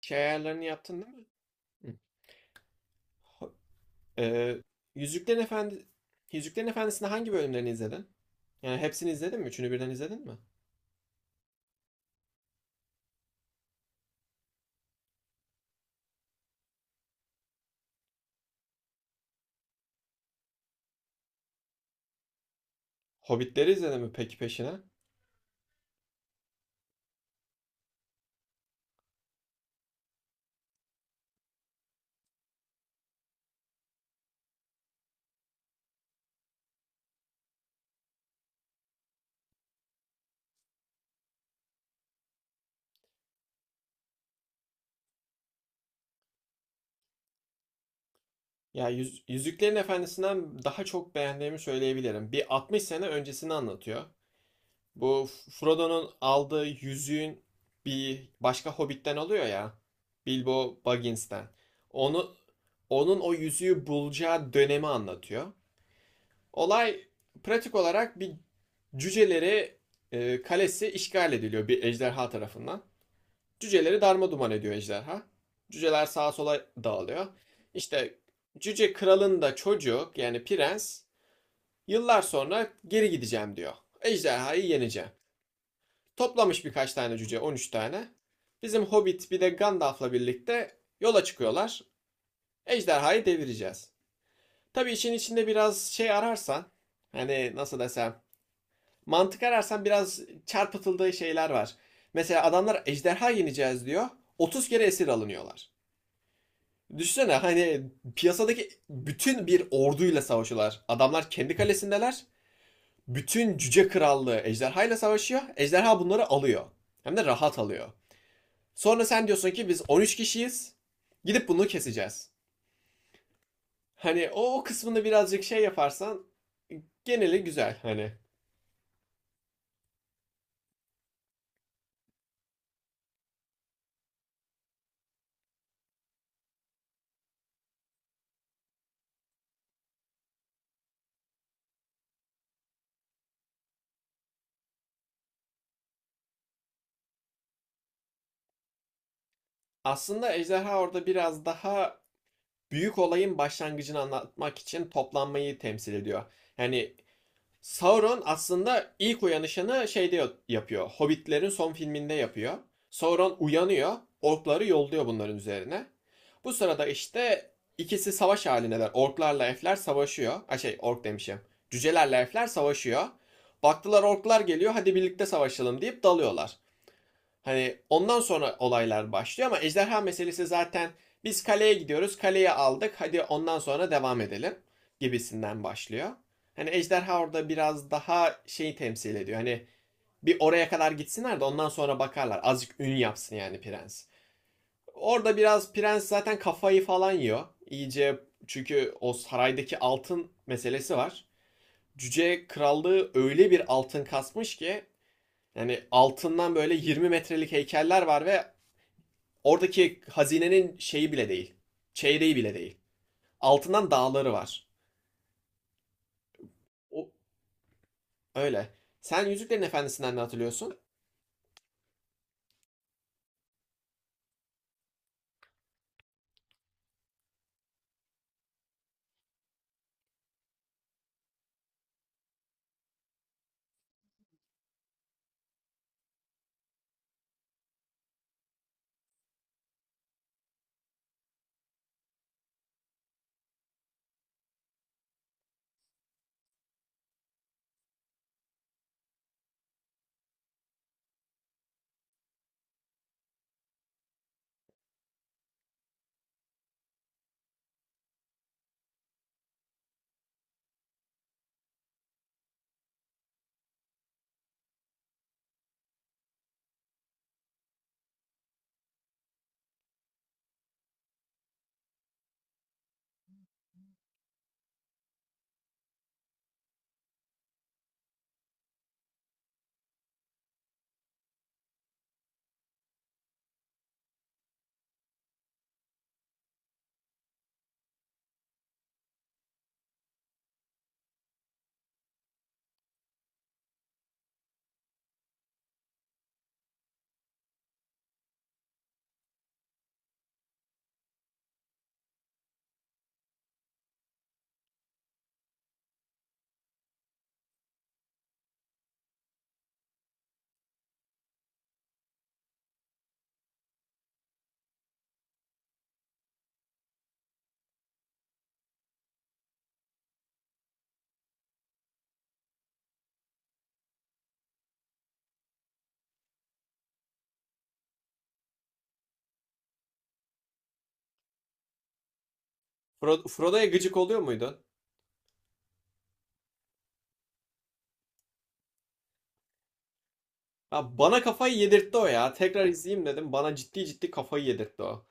Şey ayarlarını yaptın değil mi? Hı. Ee, Yüzüklerin Efendi Yüzüklerin Efendisi'ni hangi bölümlerini izledin? Yani hepsini izledin mi? Üçünü birden izledin mi? Hobbitleri izledin mi peki peşine? Ya Yüzüklerin Efendisi'nden daha çok beğendiğimi söyleyebilirim. Bir 60 sene öncesini anlatıyor. Bu Frodo'nun aldığı yüzüğün bir başka Hobbit'ten alıyor ya. Bilbo Baggins'ten. Onu onun o yüzüğü bulacağı dönemi anlatıyor. Olay pratik olarak bir cüceleri kalesi işgal ediliyor bir ejderha tarafından. Cüceleri darma ediyor ejderha. Cüceler sağa sola dağılıyor. İşte cüce kralın da çocuğu yani prens yıllar sonra geri gideceğim diyor. Ejderhayı yeneceğim. Toplamış birkaç tane cüce 13 tane. Bizim Hobbit bir de Gandalf'la birlikte yola çıkıyorlar. Ejderhayı devireceğiz. Tabii işin içinde biraz şey ararsan hani nasıl desem, mantık ararsan biraz çarpıtıldığı şeyler var. Mesela adamlar ejderha yeneceğiz diyor. 30 kere esir alınıyorlar. Düşünsene hani piyasadaki bütün bir orduyla savaşıyorlar. Adamlar kendi kalesindeler. Bütün cüce krallığı ejderhayla savaşıyor. Ejderha bunları alıyor. Hem de rahat alıyor. Sonra sen diyorsun ki biz 13 kişiyiz. Gidip bunu keseceğiz. Hani o kısmını birazcık şey yaparsan geneli güzel hani. Aslında ejderha orada biraz daha büyük olayın başlangıcını anlatmak için toplanmayı temsil ediyor. Yani Sauron aslında ilk uyanışını şeyde yapıyor. Hobbitlerin son filminde yapıyor. Sauron uyanıyor. Orkları yolluyor bunların üzerine. Bu sırada işte ikisi savaş halindeler. Orklarla elfler savaşıyor. Ha şey ork demişim. Cücelerle elfler savaşıyor. Baktılar orklar geliyor hadi birlikte savaşalım deyip dalıyorlar. Hani ondan sonra olaylar başlıyor ama ejderha meselesi zaten biz kaleye gidiyoruz, kaleyi aldık, hadi ondan sonra devam edelim gibisinden başlıyor. Hani ejderha orada biraz daha şeyi temsil ediyor. Hani bir oraya kadar gitsinler de ondan sonra bakarlar. Azıcık ün yapsın yani prens. Orada biraz prens zaten kafayı falan yiyor. İyice çünkü o saraydaki altın meselesi var. Cüce krallığı öyle bir altın kasmış ki yani altından böyle 20 metrelik heykeller var ve oradaki hazinenin şeyi bile değil. Çeyreği bile değil. Altından dağları var. O öyle. Sen Yüzüklerin Efendisi'nden ne hatırlıyorsun? Frodo'ya gıcık oluyor muydun? Ya bana kafayı yedirtti o ya. Tekrar izleyeyim dedim. Bana ciddi ciddi kafayı yedirtti o.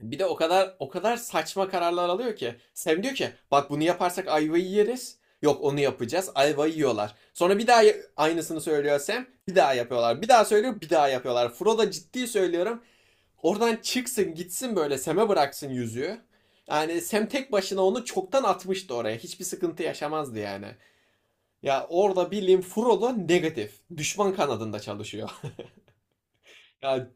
Bir de o kadar o kadar saçma kararlar alıyor ki. Sam diyor ki bak bunu yaparsak ayvayı yeriz. Yok onu yapacağız. Ayvayı yiyorlar. Sonra bir daha aynısını söylüyor Sam. Bir daha yapıyorlar. Bir daha söylüyor. Bir daha yapıyorlar. Frodo ciddi söylüyorum. Oradan çıksın gitsin böyle Sem'e bıraksın yüzüğü. Yani Sem tek başına onu çoktan atmıştı oraya. Hiçbir sıkıntı yaşamazdı yani. Ya orada bildiğin Frodo negatif. Düşman kanadında çalışıyor. ya,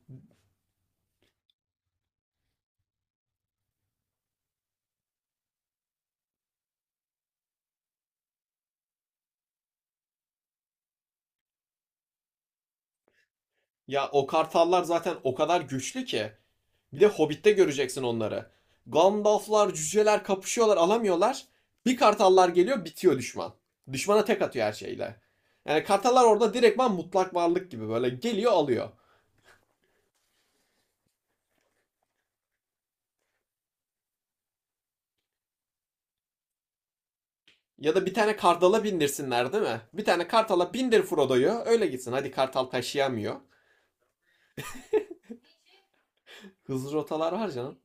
ya o kartallar zaten o kadar güçlü ki. Bir de Hobbit'te göreceksin onları. Gandalflar, cüceler kapışıyorlar alamıyorlar. Bir kartallar geliyor bitiyor düşman. Düşmana tek atıyor her şeyle. Yani kartallar orada direktman mutlak varlık gibi böyle geliyor alıyor. Ya da bir tane kartala bindirsinler değil mi? Bir tane kartala bindir Frodo'yu öyle gitsin. Hadi kartal taşıyamıyor. Hızlı rotalar var canım.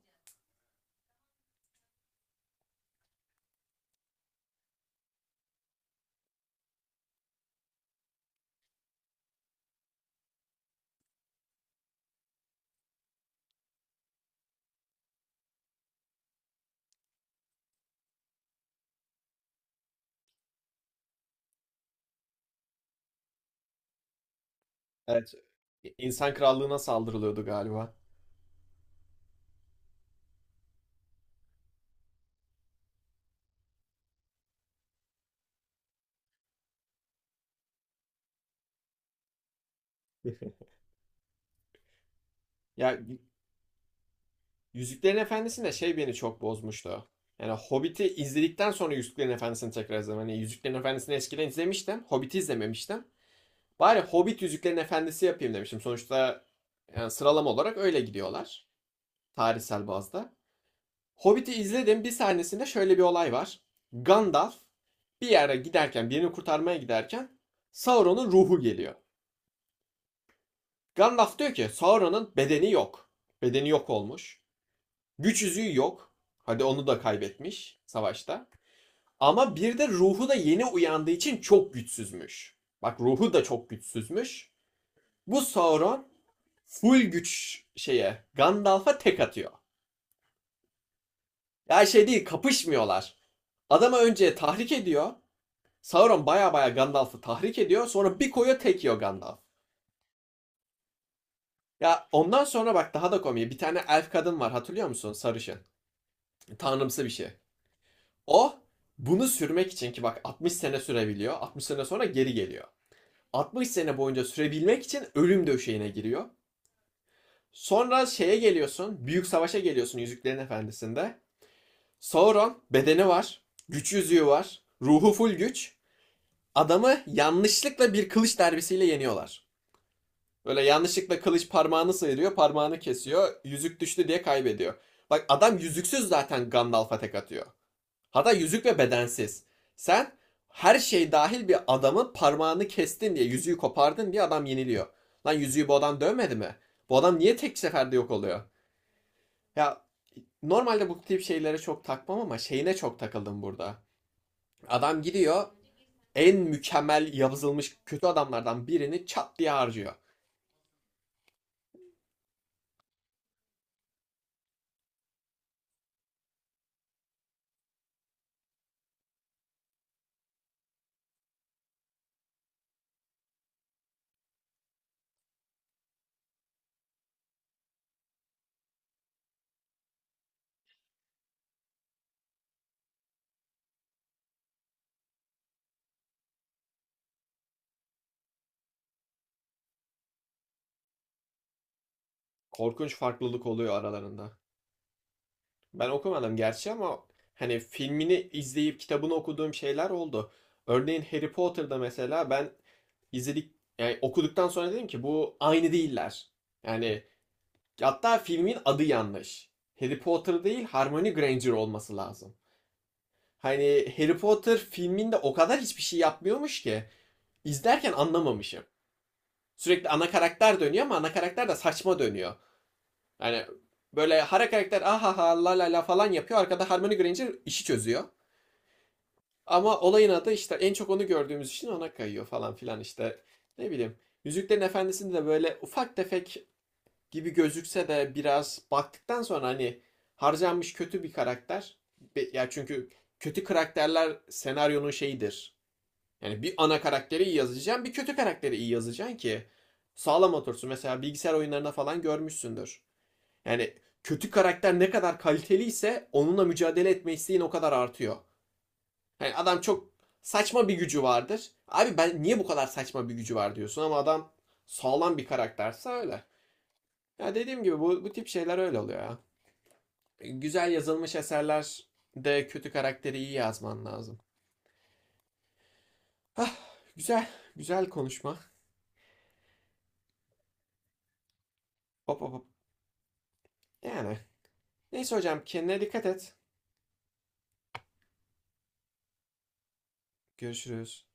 Evet. İnsan krallığına saldırılıyordu galiba. Ya Y- Yüzüklerin Efendisi'nde şey beni çok bozmuştu. Yani Hobbit'i izledikten sonra Yüzüklerin Efendisi'ni tekrar izledim. Hani Yüzüklerin Efendisi'ni eskiden izlemiştim. Hobbit'i izlememiştim. Bari Hobbit Yüzüklerin Efendisi yapayım demiştim. Sonuçta yani sıralama olarak öyle gidiyorlar. Tarihsel bazda. Hobbit'i izledim. Bir sahnesinde şöyle bir olay var. Gandalf bir yere giderken, birini kurtarmaya giderken Sauron'un ruhu geliyor. Gandalf diyor ki Sauron'un bedeni yok. Bedeni yok olmuş. Güç yüzüğü yok. Hadi onu da kaybetmiş savaşta. Ama bir de ruhu da yeni uyandığı için çok güçsüzmüş. Bak ruhu da çok güçsüzmüş. Bu Sauron full güç şeye Gandalf'a tek atıyor. Ya şey değil kapışmıyorlar. Adamı önce tahrik ediyor. Sauron baya baya Gandalf'ı tahrik ediyor. Sonra bir koyuyor tek yiyor Gandalf. Ya ondan sonra bak daha da komik. Bir tane elf kadın var hatırlıyor musun? Sarışın. Tanrımsı bir şey. O bunu sürmek için ki bak 60 sene sürebiliyor. 60 sene sonra geri geliyor. 60 sene boyunca sürebilmek için ölüm döşeğine giriyor. Sonra şeye geliyorsun. Büyük savaşa geliyorsun Yüzüklerin Efendisi'nde. Sauron bedeni var, güç yüzüğü var, ruhu full güç. Adamı yanlışlıkla bir kılıç darbesiyle yeniyorlar. Böyle yanlışlıkla kılıç parmağını sıyırıyor, parmağını kesiyor, yüzük düştü diye kaybediyor. Bak adam yüzüksüz zaten Gandalf'a tek atıyor. Hatta yüzük ve bedensiz. Sen her şey dahil bir adamın parmağını kestin diye, yüzüğü kopardın diye adam yeniliyor. Lan yüzüğü bu adam dövmedi mi? Bu adam niye tek seferde yok oluyor? Ya normalde bu tip şeylere çok takmam ama şeyine çok takıldım burada. Adam gidiyor en mükemmel yazılmış kötü adamlardan birini çat diye harcıyor. Korkunç farklılık oluyor aralarında. Ben okumadım gerçi ama hani filmini izleyip kitabını okuduğum şeyler oldu. Örneğin Harry Potter'da mesela ben izledik yani okuduktan sonra dedim ki bu aynı değiller. Yani hatta filmin adı yanlış. Harry Potter değil Harmony Granger olması lazım. Hani Harry Potter filminde o kadar hiçbir şey yapmıyormuş ki. İzlerken anlamamışım. Sürekli ana karakter dönüyor ama ana karakter de saçma dönüyor. Hani böyle hara karakter ahaha la la la falan yapıyor. Arkada Harmony Granger işi çözüyor. Ama olayın adı işte en çok onu gördüğümüz için ona kayıyor falan filan işte. Ne bileyim. Yüzüklerin Efendisi'nde de böyle ufak tefek gibi gözükse de biraz baktıktan sonra hani harcanmış kötü bir karakter. Ya çünkü kötü karakterler senaryonun şeyidir. Yani bir ana karakteri iyi yazacaksın, bir kötü karakteri iyi yazacaksın ki sağlam otursun. Mesela bilgisayar oyunlarında falan görmüşsündür. Yani kötü karakter ne kadar kaliteliyse onunla mücadele etme isteğin o kadar artıyor. Yani adam çok saçma bir gücü vardır. Abi ben niye bu kadar saçma bir gücü var diyorsun ama adam sağlam bir karakterse öyle. Ya dediğim gibi bu tip şeyler öyle oluyor ya. Güzel yazılmış eserler de kötü karakteri iyi yazman lazım. Ah, güzel, güzel konuşma. Hop hop hop. Yani. Neyse hocam kendine dikkat et. Görüşürüz.